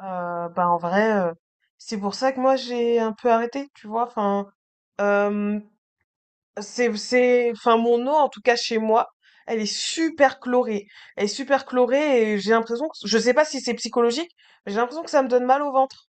Bah en vrai, c'est pour ça que moi j'ai un peu arrêté, tu vois. Enfin, euh, enfin mon eau en tout cas chez moi, elle est super chlorée. Elle est super chlorée et j'ai l'impression que, je sais pas si c'est psychologique, mais j'ai l'impression que ça me donne mal au ventre.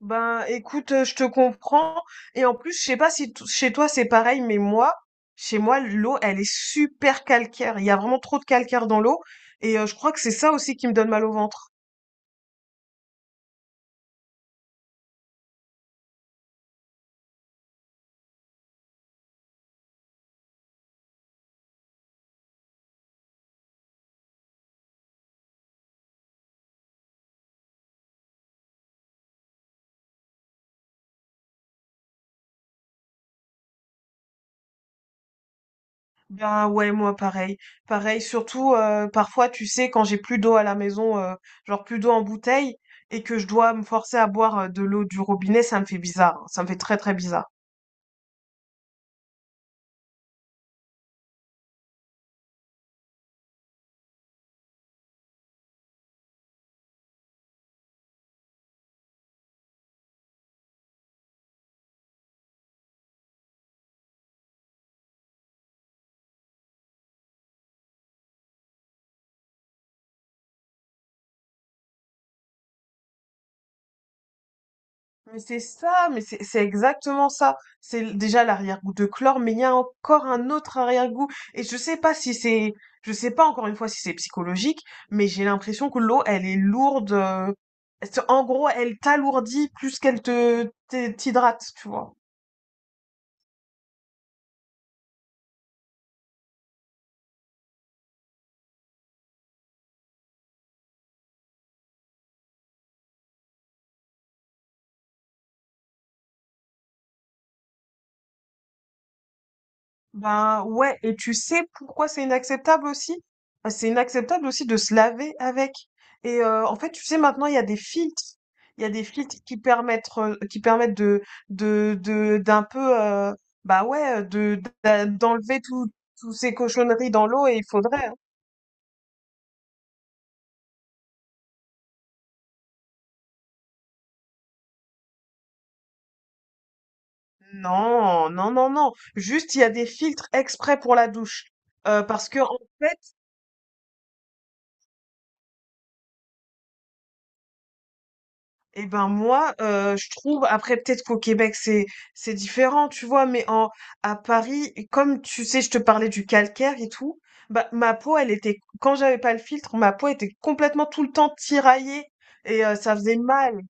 Ben écoute, je te comprends. Et en plus, je sais pas si chez toi c'est pareil, mais moi, chez moi l'eau, elle est super calcaire. Il y a vraiment trop de calcaire dans l'eau et je crois que c'est ça aussi qui me donne mal au ventre. Ben ouais, moi pareil. Pareil, surtout parfois, tu sais, quand j'ai plus d'eau à la maison, genre plus d'eau en bouteille, et que je dois me forcer à boire de l'eau du robinet, ça me fait bizarre, hein. Ça me fait très très bizarre. Mais c'est ça, mais c'est exactement ça. Déjà l'arrière-goût de chlore, mais il y a encore un autre arrière-goût. Et je sais pas si c'est, je sais pas encore une fois si c'est psychologique, mais j'ai l'impression que l'eau, elle est lourde. En gros, elle t'alourdit plus qu'elle te t'hydrate, tu vois. Ben ouais, et tu sais pourquoi c'est inacceptable aussi? Ben, c'est inacceptable aussi de se laver avec. Et en fait, tu sais, maintenant, il y a des filtres. Il y a des filtres qui permettent d'un peu, bah ouais, d'enlever tout, toutes ces cochonneries dans l'eau et il faudrait, hein. Non, non, non, non. Juste, il y a des filtres exprès pour la douche. Parce que, en fait, Eh ben moi, je trouve, après peut-être qu'au Québec c'est différent, tu vois, mais en à Paris, et comme tu sais, je te parlais du calcaire et tout, bah ma peau, elle était, quand j'avais pas le filtre, ma peau était complètement tout le temps tiraillée et ça faisait mal.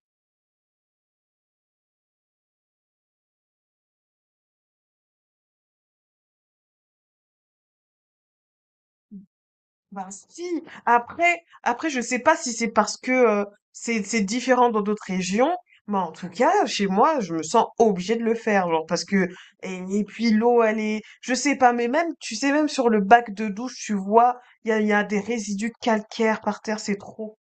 Bah si, après je sais pas si c'est parce que c'est différent dans d'autres régions, mais en tout cas chez moi je me sens obligée de le faire genre, parce que et puis l'eau elle est, je sais pas, mais même tu sais même sur le bac de douche tu vois il y a des résidus calcaires par terre, c'est trop.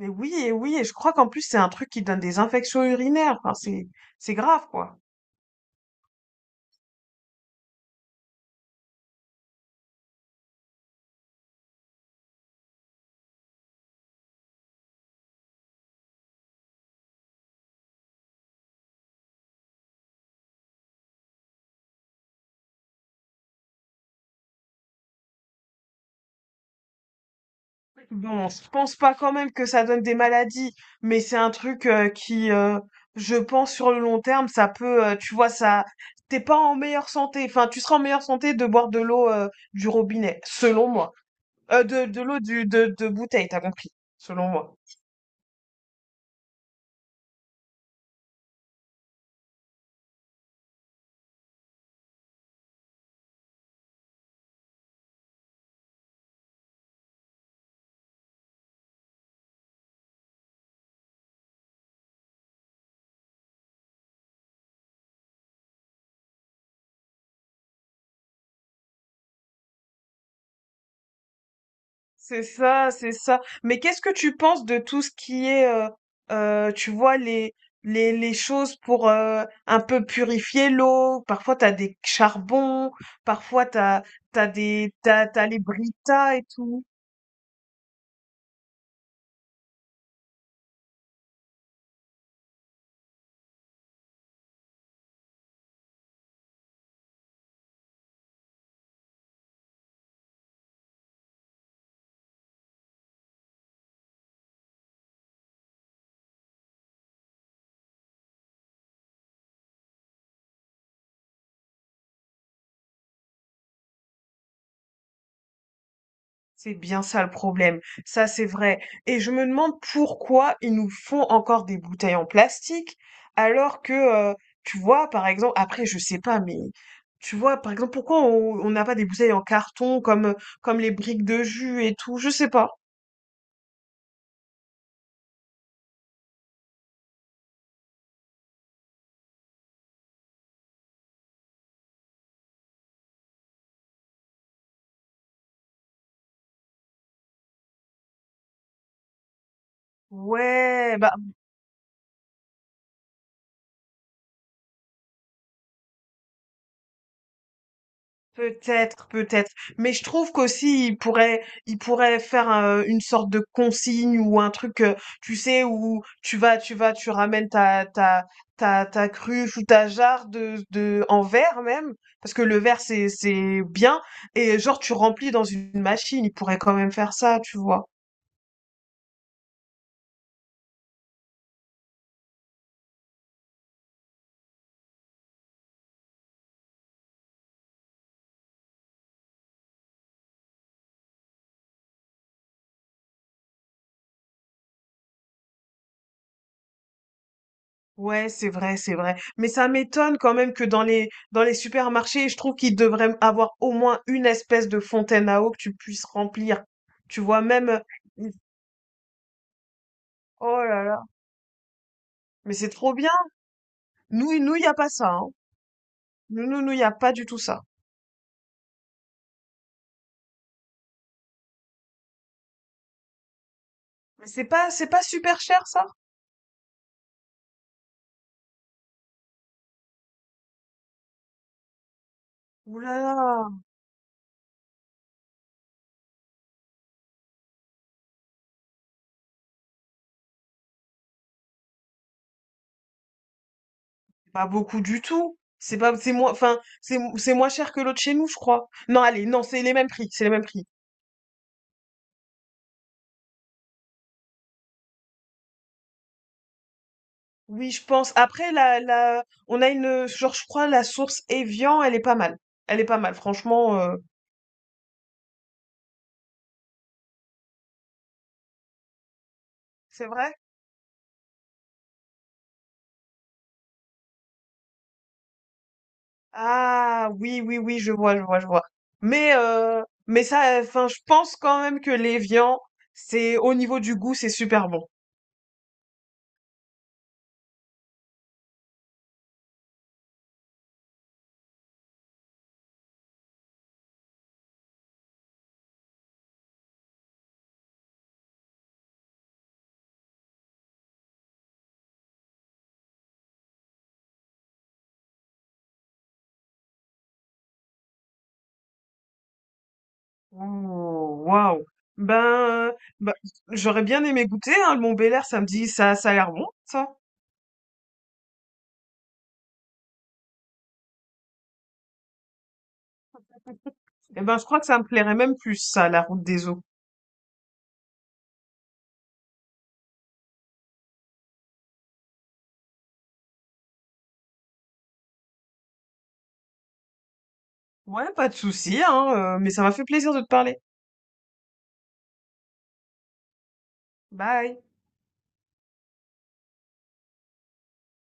Mais oui, et oui, et je crois qu'en plus c'est un truc qui donne des infections urinaires, enfin c'est grave quoi. Bon, je pense pas quand même que ça donne des maladies, mais c'est un truc qui, je pense, sur le long terme, ça peut, tu vois, ça, t'es pas en meilleure santé. Enfin, tu seras en meilleure santé de boire de l'eau du robinet, selon moi. De l'eau du de bouteille, t'as compris, selon moi. C'est ça, c'est ça. Mais qu'est-ce que tu penses de tout ce qui est, tu vois, les choses pour un peu purifier l'eau? Parfois, t'as des charbons, parfois, t'as les britas et tout. C'est bien ça le problème. Ça, c'est vrai. Et je me demande pourquoi ils nous font encore des bouteilles en plastique, alors que, tu vois, par exemple, après, je sais pas, mais tu vois, par exemple, pourquoi on n'a pas des bouteilles en carton comme, comme les briques de jus et tout, je sais pas. Ouais, bah peut-être, peut-être. Mais je trouve qu'aussi, il pourrait faire une sorte de consigne ou un truc, tu sais, où tu vas, tu ramènes ta cruche ou ta jarre de, en verre même, parce que le verre, c'est bien. Et genre, tu remplis dans une machine. Il pourrait quand même faire ça, tu vois. Ouais, c'est vrai, c'est vrai. Mais ça m'étonne quand même que dans les supermarchés, je trouve qu'ils devraient avoir au moins une espèce de fontaine à eau que tu puisses remplir. Tu vois, même oh là là, mais c'est trop bien. Nous nous y a pas ça, hein. Nous nous y a pas du tout ça. Mais c'est pas super cher ça. Ouh là là, c'est pas beaucoup du tout. C'est pas, c'est moins, enfin c'est moins cher que l'autre chez nous, je crois. Non, allez, non, c'est les mêmes prix, c'est les mêmes prix. Oui, je pense. Après, on a une, genre, je crois, la source Evian, elle est pas mal. Elle est pas mal, franchement. C'est vrai? Ah, oui, oui, oui, je vois, je vois, je vois. Mais ça, enfin, je pense quand même que l'Evian, c'est, au niveau du goût, c'est super bon. Ouh, waouh. Ben, ben, j'aurais bien aimé goûter, hein, le Mont-Bélier, ça me dit, ça a l'air bon, ça. Eh ben, je crois que ça me plairait même plus, ça, la route des eaux. Ouais, pas de souci, hein, mais ça m'a fait plaisir de te parler. Bye.